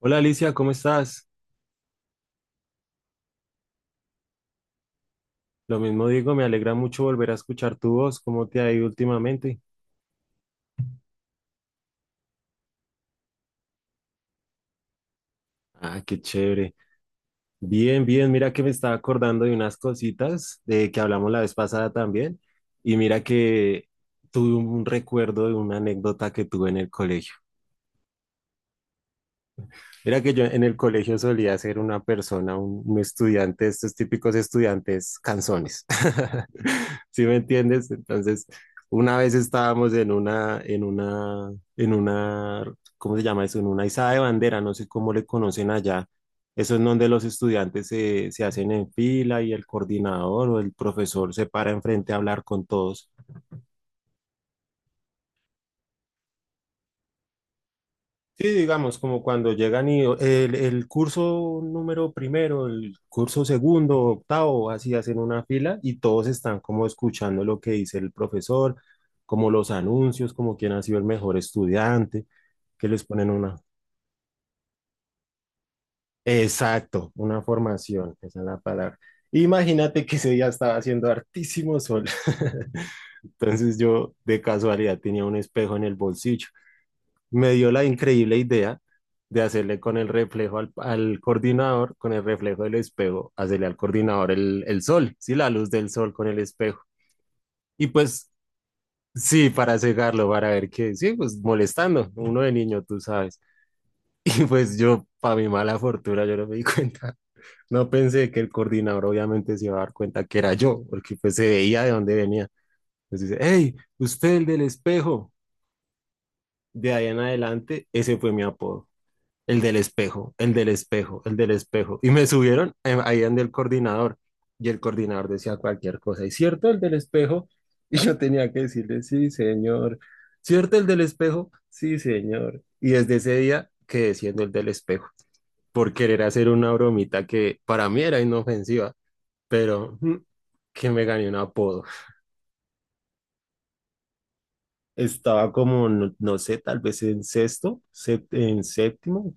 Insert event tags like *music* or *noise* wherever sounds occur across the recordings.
Hola Alicia, ¿cómo estás? Lo mismo digo, me alegra mucho volver a escuchar tu voz. ¿Cómo te ha ido últimamente? Ah, qué chévere. Bien, bien, mira que me estaba acordando de unas cositas de que hablamos la vez pasada también. Y mira que tuve un recuerdo de una anécdota que tuve en el colegio. Mira que yo en el colegio solía ser una persona, un estudiante, de estos típicos estudiantes canzones. *laughs* ¿Sí me entiendes? Entonces, una vez estábamos en una, ¿cómo se llama eso? En una izada de bandera, no sé cómo le conocen allá. Eso es donde los estudiantes se hacen en fila y el coordinador o el profesor se para enfrente a hablar con todos. Sí, digamos, como cuando llegan y el curso número primero, el curso segundo, octavo, así hacen una fila y todos están como escuchando lo que dice el profesor, como los anuncios, como quién ha sido el mejor estudiante, que les ponen una... Exacto, una formación, esa es la palabra. Imagínate que ese día estaba haciendo hartísimo sol. *laughs* Entonces yo de casualidad tenía un espejo en el bolsillo. Me dio la increíble idea de hacerle con el reflejo al coordinador, con el reflejo del espejo, hacerle al coordinador el sol, sí, la luz del sol con el espejo. Y pues sí, para cegarlo, para ver qué, sí, pues molestando, uno de niño, tú sabes. *laughs* Y pues yo, para mi mala fortuna, yo no me di *laughs* cuenta. No pensé que el coordinador obviamente se iba a dar cuenta que era yo, porque pues se veía de dónde venía. Entonces dice, hey, usted el del espejo. De ahí en adelante, ese fue mi apodo. El del espejo, el del espejo, el del espejo. Y me subieron ahí donde el coordinador. Y el coordinador decía cualquier cosa. ¿Y cierto el del espejo? Y yo tenía que decirle, sí, señor. ¿Cierto el del espejo? Sí, señor. Y desde ese día quedé siendo el del espejo por querer hacer una bromita que para mí era inofensiva, pero que me gané un apodo. Estaba como, no, no sé, tal vez en sexto, en séptimo.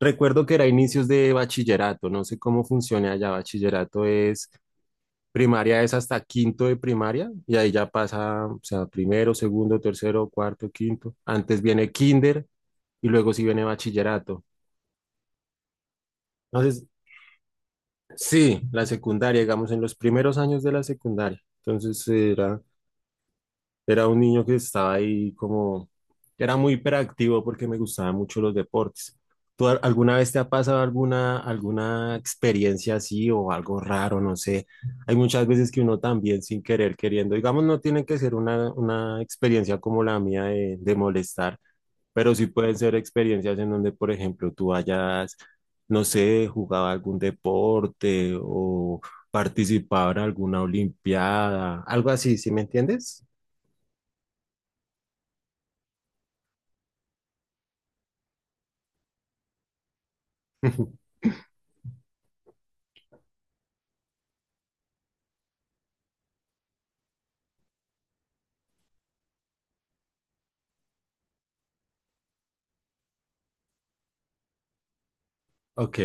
Recuerdo que era inicios de bachillerato, no sé cómo funciona allá. Bachillerato es primaria, es hasta quinto de primaria y ahí ya pasa, o sea, primero, segundo, tercero, cuarto, quinto. Antes viene kinder y luego sí viene bachillerato. Entonces, sí, la secundaria, digamos, en los primeros años de la secundaria. Era un niño que estaba ahí como, era muy hiperactivo porque me gustaban mucho los deportes. ¿Tú alguna vez te ha pasado alguna experiencia así o algo raro? No sé. Hay muchas veces que uno también sin querer, queriendo, digamos, no tiene que ser una experiencia como la mía de molestar, pero sí pueden ser experiencias en donde, por ejemplo, tú hayas, no sé, jugado algún deporte o participado en alguna olimpiada, algo así, ¿sí me entiendes? *laughs* Ok,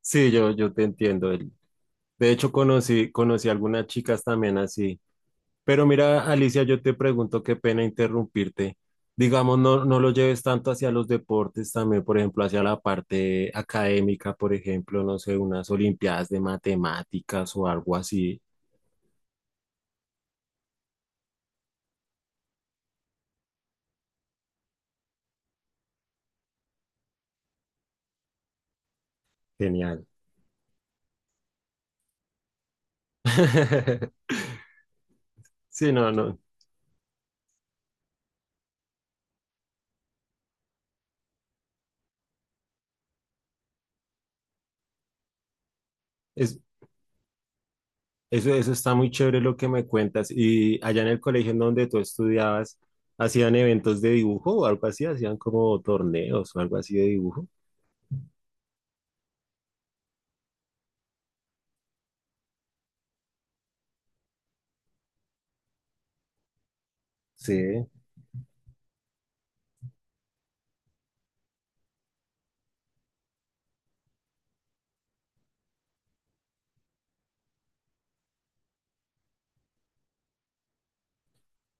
sí, yo te entiendo. De hecho, conocí algunas chicas también así. Pero mira, Alicia, yo te pregunto, qué pena interrumpirte. Digamos, no, no lo lleves tanto hacia los deportes también, por ejemplo, hacia la parte académica, por ejemplo, no sé, unas olimpiadas de matemáticas o algo así. Genial. *laughs* Sí, no, no. Es. Eso está muy chévere lo que me cuentas. Y allá en el colegio en donde tú estudiabas, ¿hacían eventos de dibujo o algo así? ¿Hacían como torneos o algo así de dibujo? Sí,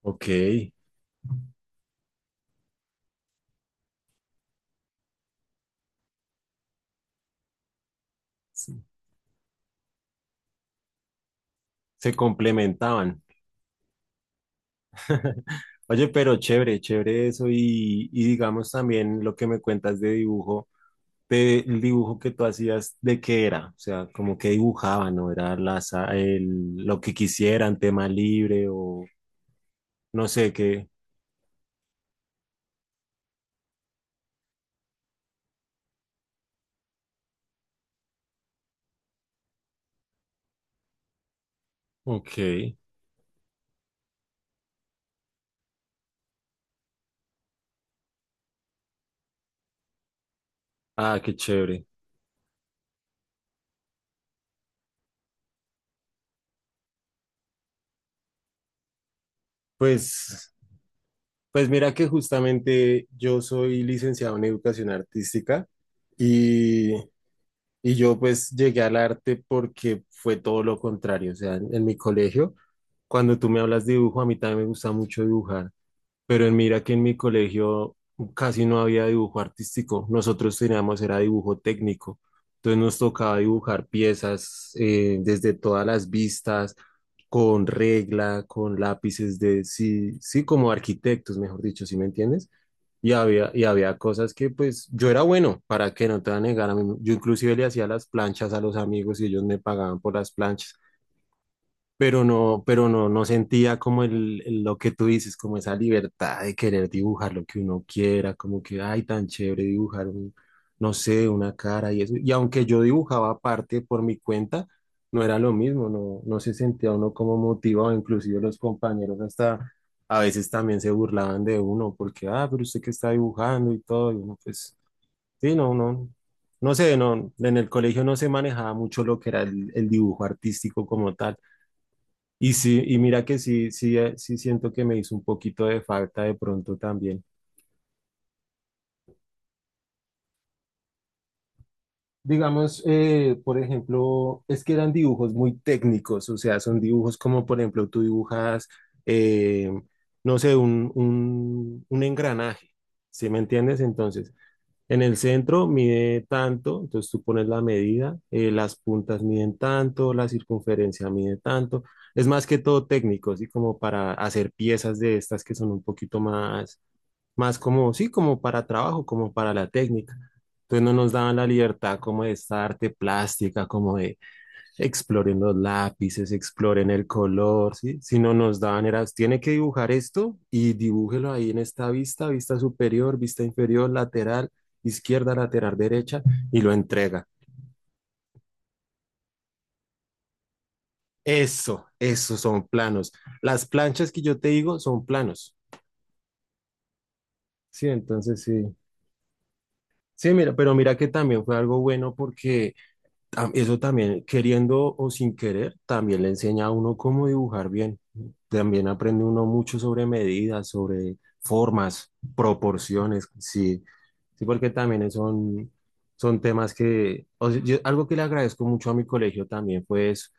ok. Sí. Se complementaban. *laughs* Oye, pero chévere, chévere eso. Y digamos también lo que me cuentas de dibujo, de, el dibujo que tú hacías, ¿de qué era? O sea, como que dibujaban, ¿no? Era las, el, lo que quisieran, tema libre o no sé qué. Ok. Ah, qué chévere. Pues, pues mira que justamente yo soy licenciado en educación artística y, y yo pues llegué al arte porque fue todo lo contrario. O sea, en mi colegio, cuando tú me hablas de dibujo, a mí también me gusta mucho dibujar. Pero mira que en mi colegio casi no había dibujo artístico, nosotros teníamos era dibujo técnico, entonces nos tocaba dibujar piezas desde todas las vistas, con regla, con lápices de, sí, sí, como arquitectos, mejor dicho, ¿sí me entiendes? Y había cosas que pues yo era bueno, para que no te voy a negar, a mí, yo inclusive le hacía las planchas a los amigos y ellos me pagaban por las planchas, pero no, no sentía como el, lo que tú dices, como esa libertad de querer dibujar lo que uno quiera, como que, ay, tan chévere dibujar un, no sé, una cara y eso. Y aunque yo dibujaba aparte por mi cuenta, no era lo mismo, no, no se sentía uno como motivado, inclusive los compañeros hasta a veces también se burlaban de uno, porque, ah, pero usted que está dibujando y todo, y uno, pues, sí, no, no. No sé, no, en el colegio no se manejaba mucho lo que era el dibujo artístico como tal. Y sí, y mira que sí, sí, sí siento que me hizo un poquito de falta de pronto también. Digamos, por ejemplo, es que eran dibujos muy técnicos, o sea, son dibujos como, por ejemplo, tú dibujas, eh, no sé, un engranaje, ¿sí me entiendes? Entonces, en el centro mide tanto, entonces tú pones la medida, las puntas miden tanto, la circunferencia mide tanto, es más que todo técnico, así como para hacer piezas de estas que son un poquito más, más como, sí, como para trabajo, como para la técnica. Entonces no nos daban la libertad como de esta arte plástica, como de exploren los lápices, exploren el color, ¿sí? Sino nos daban, era, tiene que dibujar esto y dibújelo ahí en esta vista, vista superior, vista inferior, lateral, izquierda, lateral, derecha, y lo entrega. Eso, esos son planos. Las planchas que yo te digo son planos. Sí, entonces sí. Sí, mira, pero mira que también fue algo bueno porque eso también, queriendo o sin querer, también le enseña a uno cómo dibujar bien. También aprende uno mucho sobre medidas, sobre formas, proporciones, sí, sí, porque también son, son temas que, o sea, algo que le agradezco mucho a mi colegio también fue eso,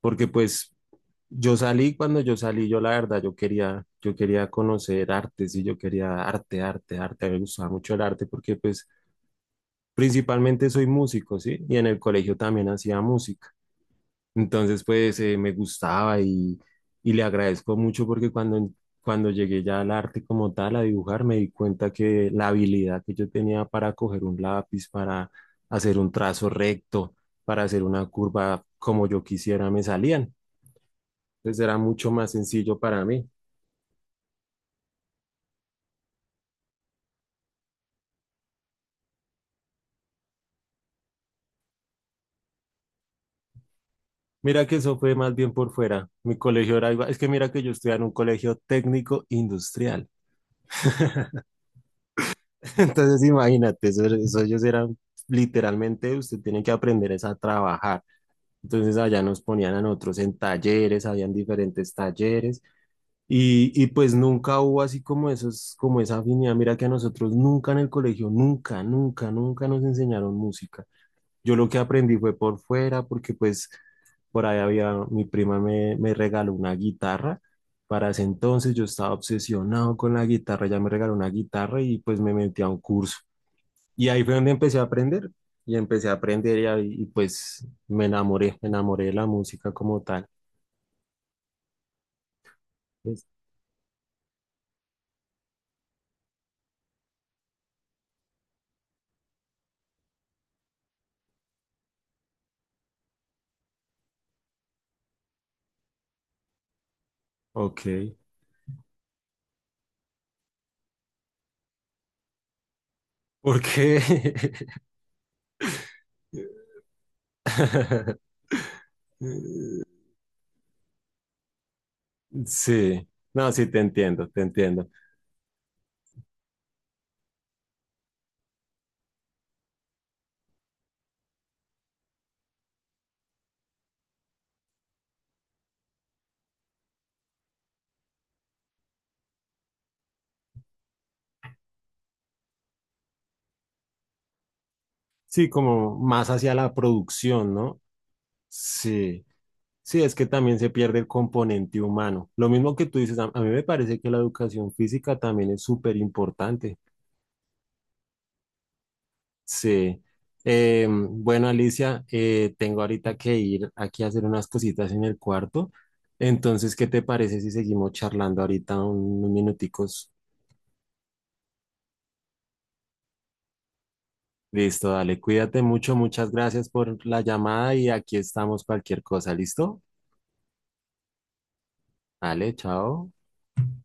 porque pues yo salí, cuando yo salí, yo la verdad, yo quería conocer artes y yo quería arte, arte, arte, a mí me gustaba mucho el arte porque pues principalmente soy músico, ¿sí? Y en el colegio también hacía música. Entonces, pues me gustaba y le agradezco mucho porque cuando, cuando llegué ya al arte como tal, a dibujar, me di cuenta que la habilidad que yo tenía para coger un lápiz, para hacer un trazo recto, para hacer una curva como yo quisiera, me salían. Entonces era mucho más sencillo para mí. Mira que eso fue más bien por fuera. Mi colegio era igual. Es que mira que yo estudiaba en un colegio técnico industrial. *laughs* Entonces imagínate, eso ellos eran literalmente, usted tiene que aprender es a trabajar. Entonces allá nos ponían a nosotros en talleres, habían diferentes talleres y pues nunca hubo así como esos, como esa afinidad. Mira que a nosotros nunca en el colegio, nunca, nunca, nunca nos enseñaron música. Yo lo que aprendí fue por fuera porque pues por ahí había, mi prima me, me regaló una guitarra. Para ese entonces yo estaba obsesionado con la guitarra, ella me regaló una guitarra y pues me metí a un curso. Y ahí fue donde empecé a aprender. Y empecé a aprender y, y pues me enamoré de la música como tal. Es- Ok. ¿Por qué? *laughs* Sí, no, sí, te entiendo, te entiendo. Sí, como más hacia la producción, ¿no? Sí, sí, es que también se pierde el componente humano. Lo mismo que tú dices, a mí me parece que la educación física también es súper importante. Sí. Bueno, Alicia, tengo ahorita que ir aquí a hacer unas cositas en el cuarto. Entonces, ¿qué te parece si seguimos charlando ahorita unos minuticos? Listo, dale, cuídate mucho, muchas gracias por la llamada y aquí estamos cualquier cosa, ¿listo? Dale, chao.